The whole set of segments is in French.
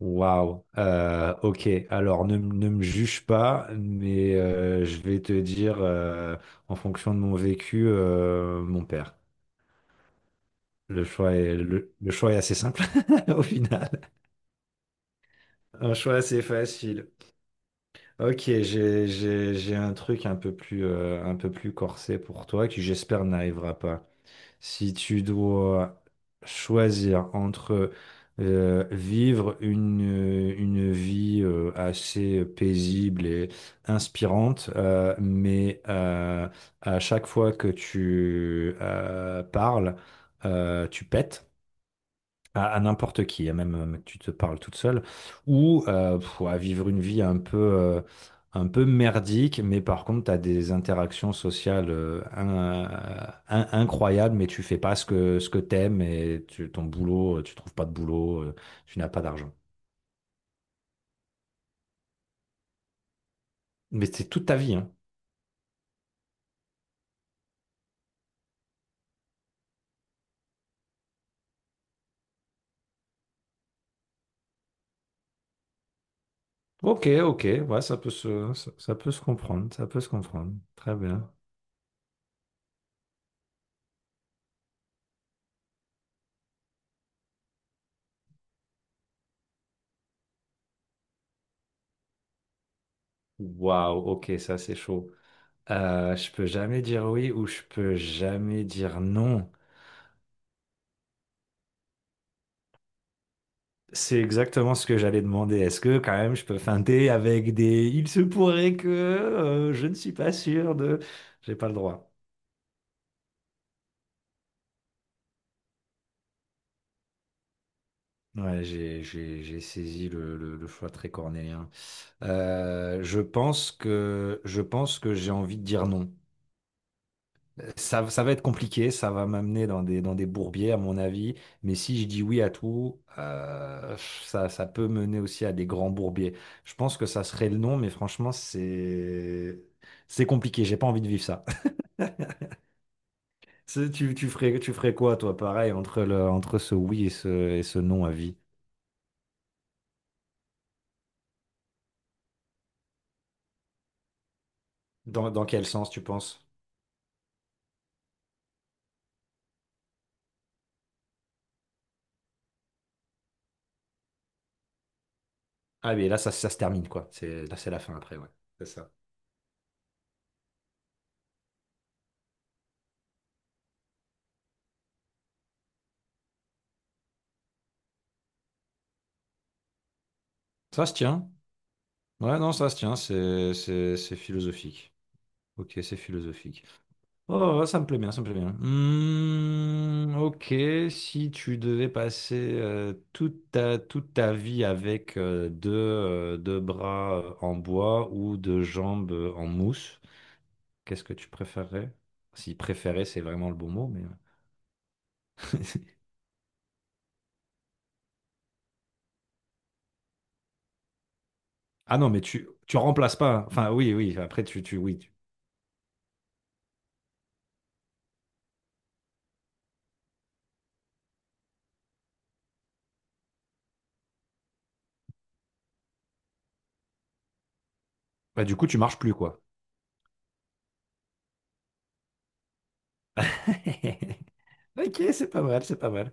Waouh. Ok. Alors, ne me juge pas, mais je vais te dire, en fonction de mon vécu, mon père. Le choix est assez simple, au final. Un choix assez facile. Ok, j'ai un truc un peu plus corsé pour toi qui, j'espère, n'arrivera pas. Si tu dois choisir entre vivre une vie assez paisible et inspirante, mais à chaque fois que tu parles, tu pètes à n'importe qui, à même que tu te parles toute seule, ou à vivre une vie un peu merdique, mais par contre, tu as des interactions sociales incroyables, mais tu fais pas ce que t'aimes et ton boulot, tu trouves pas de boulot, tu n'as pas d'argent. Mais c'est toute ta vie, hein. Ok, ok, ouais, ça peut se comprendre, ça peut se comprendre. Très bien. Waouh, ok, ça c'est chaud. Je peux jamais dire oui ou je peux jamais dire non. C'est exactement ce que j'allais demander. Est-ce que quand même je peux feinter avec des il se pourrait que je ne suis pas sûr de. J'ai pas le droit. Ouais, j'ai saisi le choix très cornélien. Je pense que j'ai envie de dire non. Ça va être compliqué, ça va m'amener dans des bourbiers, à mon avis. Mais si je dis oui à tout, ça, ça peut mener aussi à des grands bourbiers. Je pense que ça serait le non, mais franchement, c'est compliqué. J'ai pas envie de vivre ça. Tu ferais quoi, toi, pareil, entre entre ce oui et ce non à vie? Dans quel sens, tu penses? Ah, mais là, ça se termine, quoi. C'est, là, c'est la fin après, ouais. C'est ça. Ça se tient. Ouais, non, ça se tient. C'est philosophique. Ok, c'est philosophique. Oh, oh, oh, ça me plaît bien, ça me plaît bien. Hmm, ok, si tu devais passer toute ta vie avec deux bras en bois ou deux jambes en mousse, qu'est-ce que tu préférerais? Si préférer, c'est vraiment le bon mot, mais... Ah non, mais tu remplaces pas, hein. Enfin, oui, oui, après, oui. Bah, du coup, tu marches plus, quoi. Ok, c'est pas mal, c'est pas mal.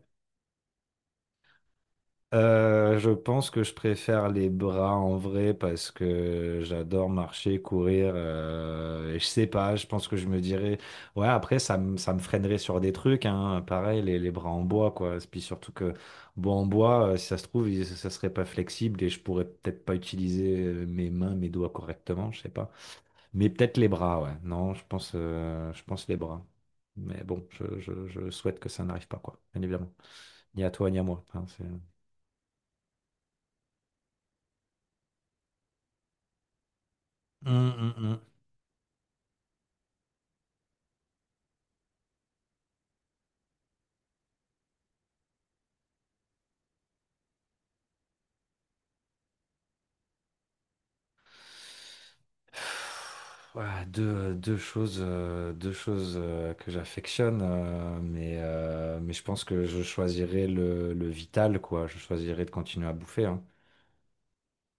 Je pense que je préfère les bras en vrai parce que j'adore marcher, courir. Et je sais pas, je pense que je me dirais. Ouais, après, ça me freinerait sur des trucs, hein. Pareil, les bras en bois, quoi. Puis surtout que, bois en bois, si ça se trouve, ça serait pas flexible et je pourrais peut-être pas utiliser mes mains, mes doigts correctement, je sais pas. Mais peut-être les bras, ouais. Non, je pense les bras. Mais bon, je souhaite que ça n'arrive pas, quoi. Bien évidemment. Ni à toi, ni à moi, hein, c'est... hum. Voilà, deux choses que j'affectionne, mais je pense que je choisirais le vital, quoi. Je choisirais de continuer à bouffer, hein.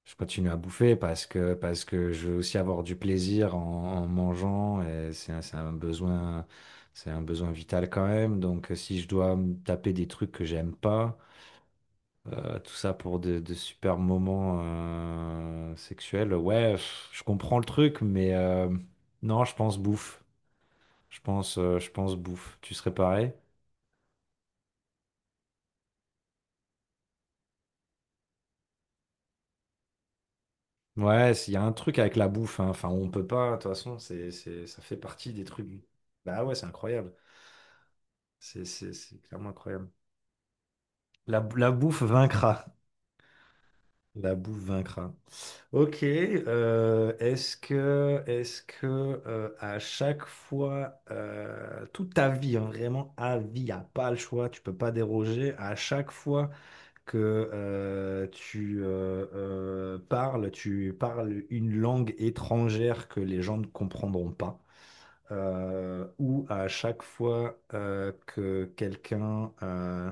Je continue à bouffer parce que je veux aussi avoir du plaisir en mangeant et c'est un besoin vital quand même. Donc, si je dois me taper des trucs que j'aime pas, tout ça pour de super moments sexuels. Ouais, je comprends le truc, mais non, je pense bouffe. Je pense bouffe. Tu serais pareil? Ouais, s'il y a un truc avec la bouffe, hein. Enfin, on peut pas, de toute façon, ça fait partie des trucs. Bah ouais, c'est incroyable. C'est clairement incroyable. La bouffe vaincra. La bouffe vaincra. Ok. Est-ce que à chaque fois, toute ta vie, hein, vraiment à vie, y a pas le choix, tu peux pas déroger. À chaque fois que tu parles, tu parles une langue étrangère que les gens ne comprendront pas où à chaque fois que quelqu'un euh,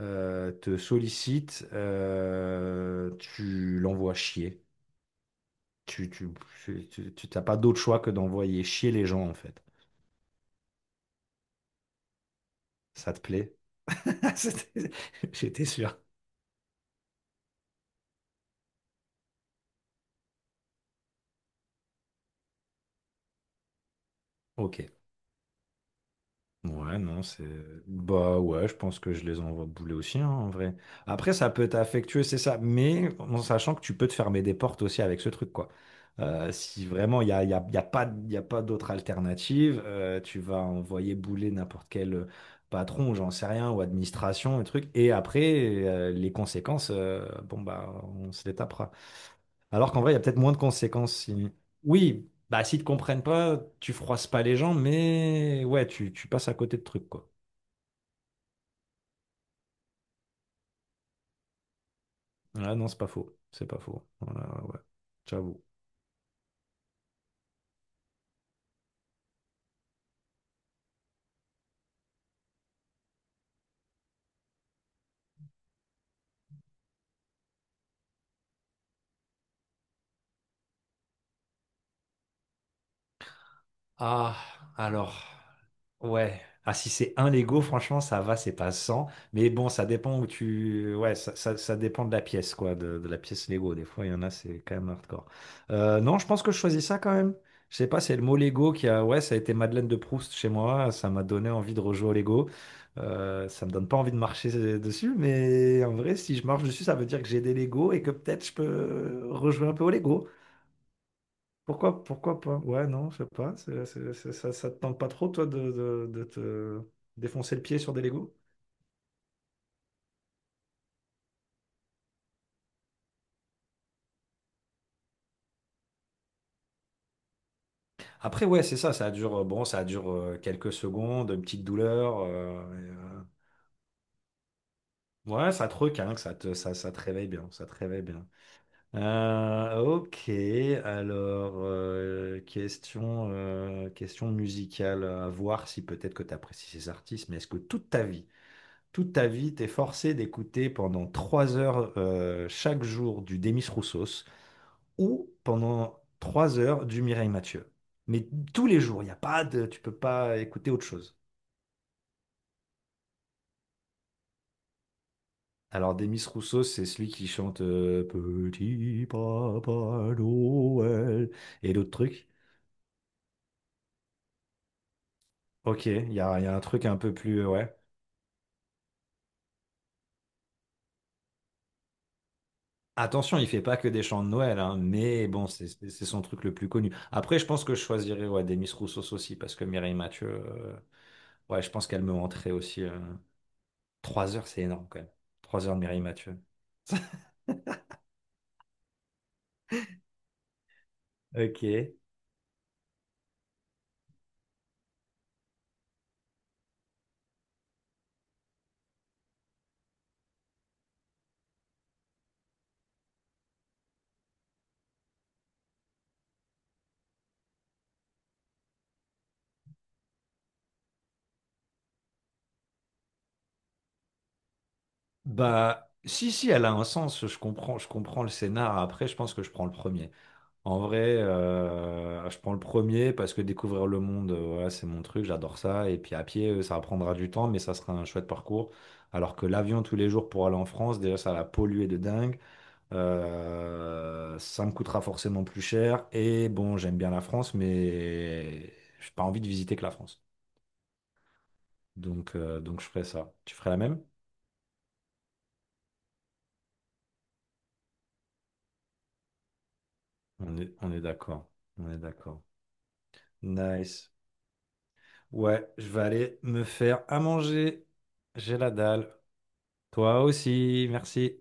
euh, te sollicite, tu l'envoies chier. Tu, tu, t'as pas d'autre choix que d'envoyer chier les gens, en fait. Ça te plaît? C'était- J'étais sûr. Ok. Ouais, non, c'est... Bah ouais, je pense que je les envoie bouler aussi, hein, en vrai. Après, ça peut être affectueux, c'est ça, mais en sachant que tu peux te fermer des portes aussi avec ce truc, quoi. Si vraiment il n'y a, y a, y a pas d'autre alternative, tu vas envoyer bouler n'importe quel patron, j'en sais rien, ou administration, un truc, et après, les conséquences, bon, bah, on se les tapera. Alors qu'en vrai, il y a peut-être moins de conséquences si... Oui, bah s'ils te comprennent pas, tu froisses pas les gens, mais ouais, tu passes à côté de trucs, quoi. Ah non, c'est pas faux. C'est pas faux. Voilà, ouais. J'avoue. Ah, alors. Ouais. Ah, si c'est un Lego, franchement, ça va, c'est pas 100. Mais bon, ça dépend où tu. Ouais, ça dépend de la pièce, quoi, de la pièce Lego. Des fois, il y en a, c'est quand même hardcore. Non, je pense que je choisis ça quand même. Je sais pas, c'est le mot Lego qui a. Ouais, ça a été Madeleine de Proust chez moi. Ça m'a donné envie de rejouer au Lego. Ça me donne pas envie de marcher dessus, mais en vrai, si je marche dessus, ça veut dire que j'ai des Lego et que peut-être je peux rejouer un peu au Lego. Pourquoi, pourquoi pas? Ouais, non, je sais pas. Ça, ça te tente pas trop, toi, de, de te défoncer le pied sur des Legos? Après, ouais, c'est ça, bon, ça dure quelques secondes, une petite douleur. Et, ouais, ça te requinque, ça te réveille bien, ça te réveille bien. Ok, alors, question musicale, à voir si peut-être que tu apprécies ces artistes, mais est-ce que toute ta vie, t'es forcé d'écouter pendant 3 heures chaque jour du Demis Roussos ou pendant 3 heures du Mireille Mathieu. Mais tous les jours, il y a pas de, tu peux pas écouter autre chose. Alors Demis Roussos, c'est celui qui chante Petit Papa Noël et d'autres trucs. Ok, il y a un truc un peu plus, ouais. Attention, il fait pas que des chants de Noël, hein, mais bon, c'est son truc le plus connu. Après, je pense que je choisirais ouais, Demis Roussos aussi, parce que Mireille Mathieu. Ouais, je pense qu'elle me rentrait aussi. 3 heures, c'est énorme quand même. 3 heures de Mireille Mathieu. Ok. Bah, si, si, elle a un sens. Je comprends le scénar. Après, je pense que je prends le premier. En vrai, je prends le premier parce que découvrir le monde, voilà, c'est mon truc. J'adore ça. Et puis à pied, ça prendra du temps, mais ça sera un chouette parcours. Alors que l'avion tous les jours pour aller en France, déjà, ça va polluer de dingue. Ça me coûtera forcément plus cher. Et bon, j'aime bien la France, mais j'ai pas envie de visiter que la France. Donc je ferai ça. Tu ferais la même? On est d'accord. On est d'accord. Nice. Ouais, je vais aller me faire à manger. J'ai la dalle. Toi aussi, merci.